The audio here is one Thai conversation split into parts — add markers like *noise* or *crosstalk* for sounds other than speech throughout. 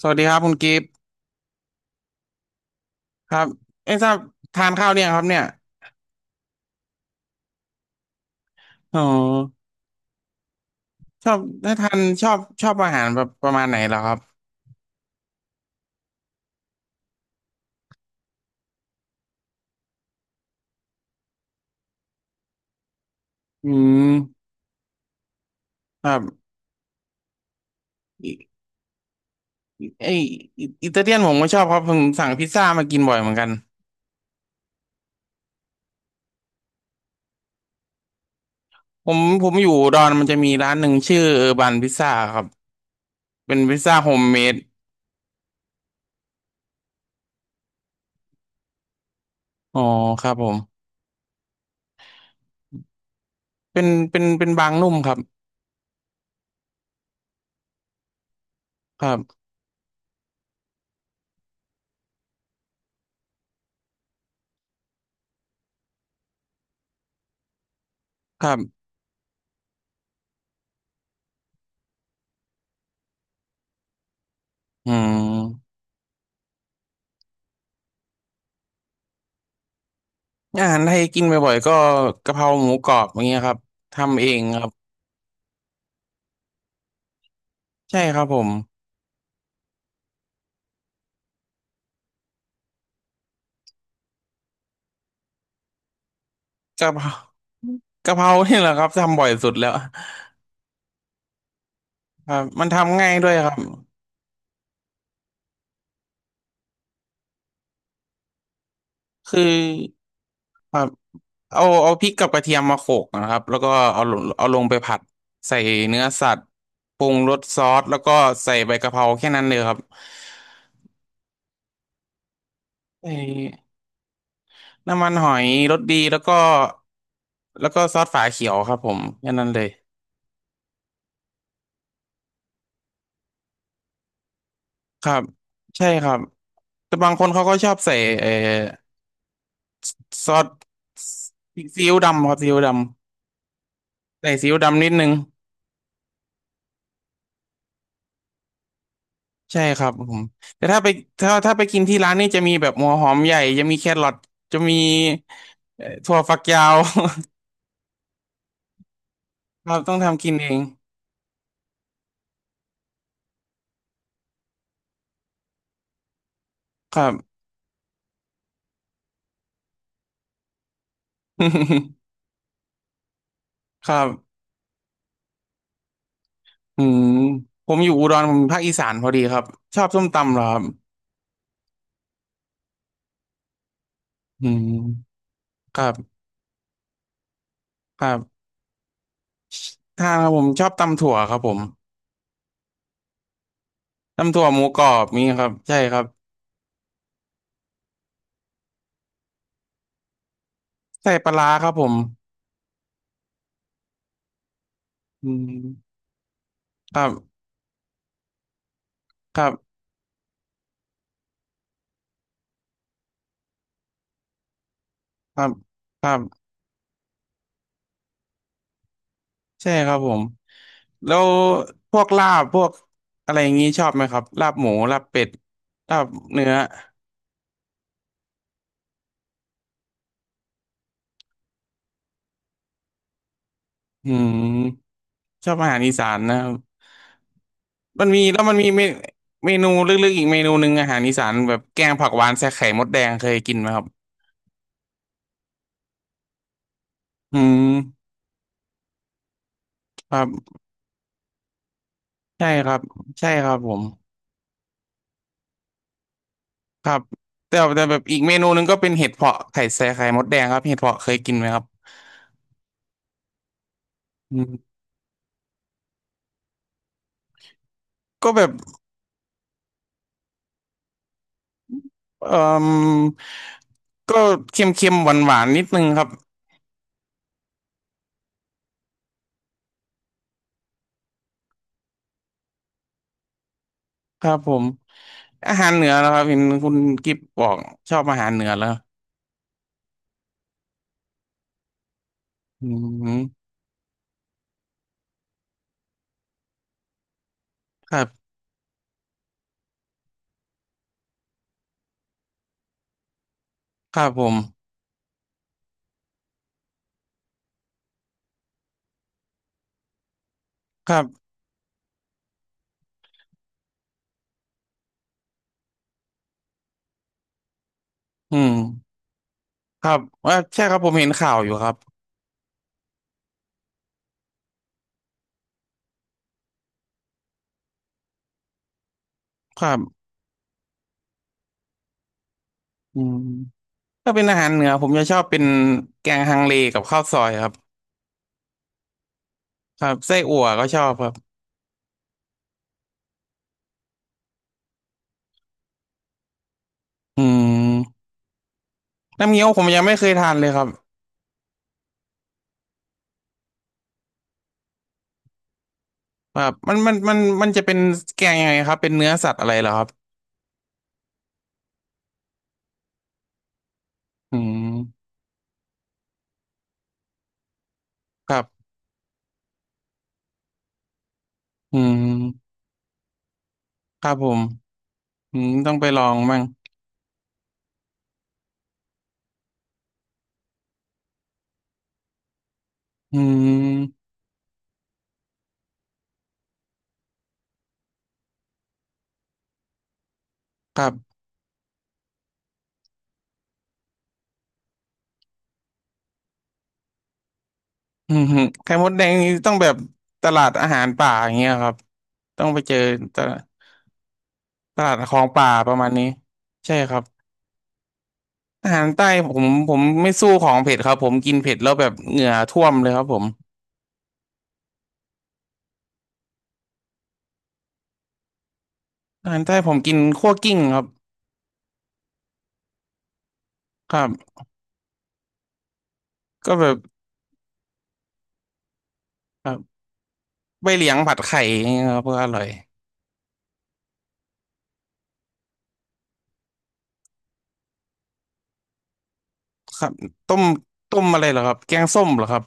สวัสดีครับคุณกิฟต์ครับเอ้ทราบทานข้าวเนี่ยงครับเนี่ยอ๋อชอบถ้าทานชอบอาหารแบบประมาณไหนเหรอครับอืมครับิอิไออิอิตาเลียนผมก็ชอบครับผมสั่งพิซซ่ามากินบ่อยเหมือนกันผมอยู่อุดอนมันจะมีร้านหนึ่งชื่อเออร์บันพิซซ่าครับเป็นพิซซ่าโฮมเมดอ๋อครับผมเป็นบางนุ่มครับครับครับอืมอาหารไทยกินบ่อยๆก็กะเพราหมูกรอบอย่างเงี้ยครับทำเองครับใช่ครับผม กะเพรากะเพราเนี่ยแหละครับทำบ่อยสุดแล้วครับมันทำง่ายด้วยครับคือครับเอาพริกกับกระเทียมมาโขลกนะครับแล้วก็เอาลงไปผัดใส่เนื้อสัตว์ปรุงรสซอสแล้วก็ใส่ใบกะเพราแค่นั้นเลยครับใส่น้ำมันหอยรสดีแล้วก็แล้วก็ซอสฝาเขียวครับผมแค่นั้นเลยครับใช่ครับแต่บางคนเขาก็ชอบใส่เอ่อซอสซีอิ๊วดำครับซีอิ๊วดำใส่ซีอิ๊วดำนิดนึง ใช่ครับผมแต่ถ้าไปถ้าไปกินที่ร้านนี่จะมีแบบหัวหอมใหญ่จะมีแครอทจะมีถั่วฝักยาว *laughs* ครับต้องทำกินเองครับ *laughs* ครับอืมผมอยู่อุดรผมภาคอีสานพอดีครับชอบส้มตำเหรอครับอืมครับครับถ้าครับผมชอบตำถั่วครับผมตำถั่วหมูกรอบนี่ครับใช่ครับใส่ปลาร้าครับผมอืมครับครับครับครับใช่ครับผม แล้วพวกลาบพวกอะไรอย่างงี้ชอบไหมครับลาบหมูลาบเป็ดลาบเนื้ออืมชอบอาหารอีสานนะครับมันมีแล้วมันมีเมนูลึกๆอีกเมนูหนึ่งอาหารอีสานแบบแกงผักหวานใส่ไข่มดแดงเคยกินไหมครับอืมครับใช่ครับใช่ครับผมครับแต่แบบอีกเมนูหนึ่งก็เป็นเห็ดเผาะไข่ใส่ไข่มดแดงครับเห็ดเผาะเคยกินไหมครับอืมก็แบบเอ่อก็เค็มๆหวานๆนิดนึงครับ ครับผมอาหารเหนือแล้วครับเห็นคุณกิฟบอกชอบอาหารเหนือแล้วอืมครับครับผมครับอืมครับว่าใช่ครับผมเห็นข่าวอยู่ครับครับอืมถ้าเป็นอาหารเหนือผมจะชอบเป็นแกงฮังเลกับข้าวซอยครับครับไส้อั่วก็ชอบครับอืมน้ำเงี้ยวผมยังไม่เคยทานเลยครับครับมันจะเป็นแกงยังไงครับเป็นเนื้อสัตว์อะไรเหรอครับอืมครับอืมครับผมอืมต้องไปลองมั่งอืม ครับอืมฮึไข่มดแดงนี่ต้องแบบตลาดอาหารป่าอย่างเงี้ยครับต้องไปเจอตลาดตลาดของป่าประมาณนี้ ใช่ครับ อาหารใต้ผมไม่สู้ของเผ็ดครับผมกินเผ็ดแล้วแบบเหงื่อท่วมเลยครับผมอาหารใต้ผมกินคั่วกิ้งครับครับก็แบบครับใบเหลียงผัดไข่อย่างเงี้ยครับก็อร่อยครับต้มต้มอะไรเหรอครับแกงส้มเหรอครับ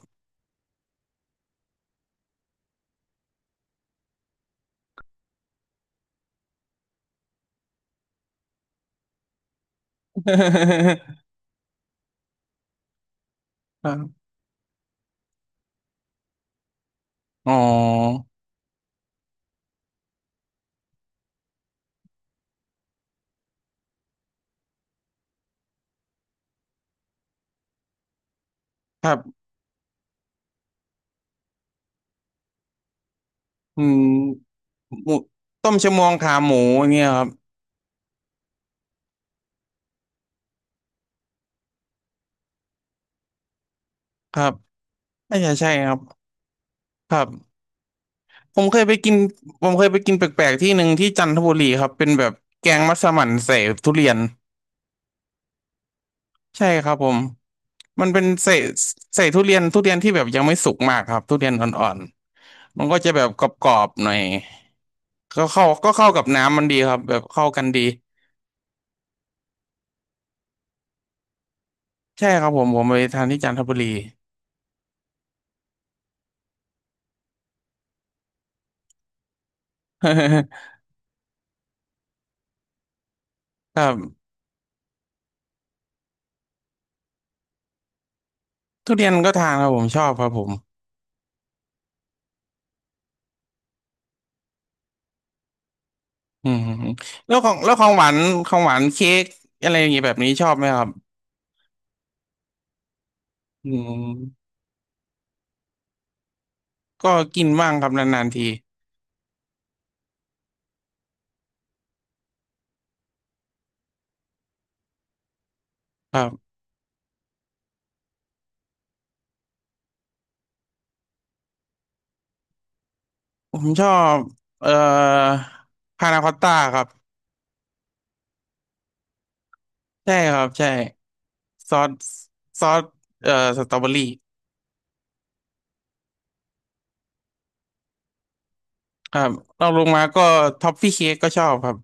*laughs* ครับอ๋อครับอืมหมูต้มชะมวงขาหมูอย่างเงี้ยครับ ครับน่าจะใช่ครับครับผมเคยไปกินผมเคยไปกินแปลกๆที่หนึ่งที่จันทบุรีครับเป็นแบบแกงมัสมั่นใส่ทุเรียนใช่ครับผมมันเป็นใส่ใส่ทุเรียนทุเรียนที่แบบยังไม่สุกมากครับทุเรียนอ่อนๆมันก็จะแบบกรอบๆหน่อยก็เข้ากับน้ำมันดีครับแบบเข้ากันดีใช่ครับผมผมไปทานที่จันทบุรี *laughs* ครับทุเรียนก็ทานครับผมชอบครับผม อืมอืมอืมแล้วของแล้วของหวานของหวานเค้กอะไรอย่างเงี้ยแบบนี้ชอบไหมครับอืมก็กินบ้างครับนานๆทีครับผมชอบเอ่อพานาคอตต้าครับใช่ครับใช่ซอสซอสเอ่อสตรอเบอรี่ครับรองลงมาก็ท็อฟฟี่เค้กก็ชอบครับ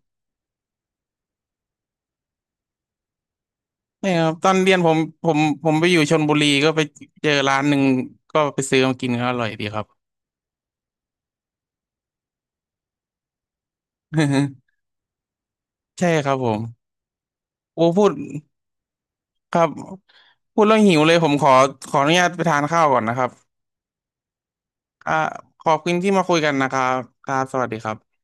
นี่ครับตอนเรียนผมผมผมไปอยู่ชลบุรีก็ไปเจอร้านหนึ่งก็ไปซื้อมากินก็อร่อยดีครับ *laughs* ใช่ครับผมโอ้พูด ครับพูดแล้วหิวเลยผมขอขออนุญาตไปทานข้าวก่อนนะครับอ่าขอบคุณที่มาคุยกันนะครับครับสวัสดีครับ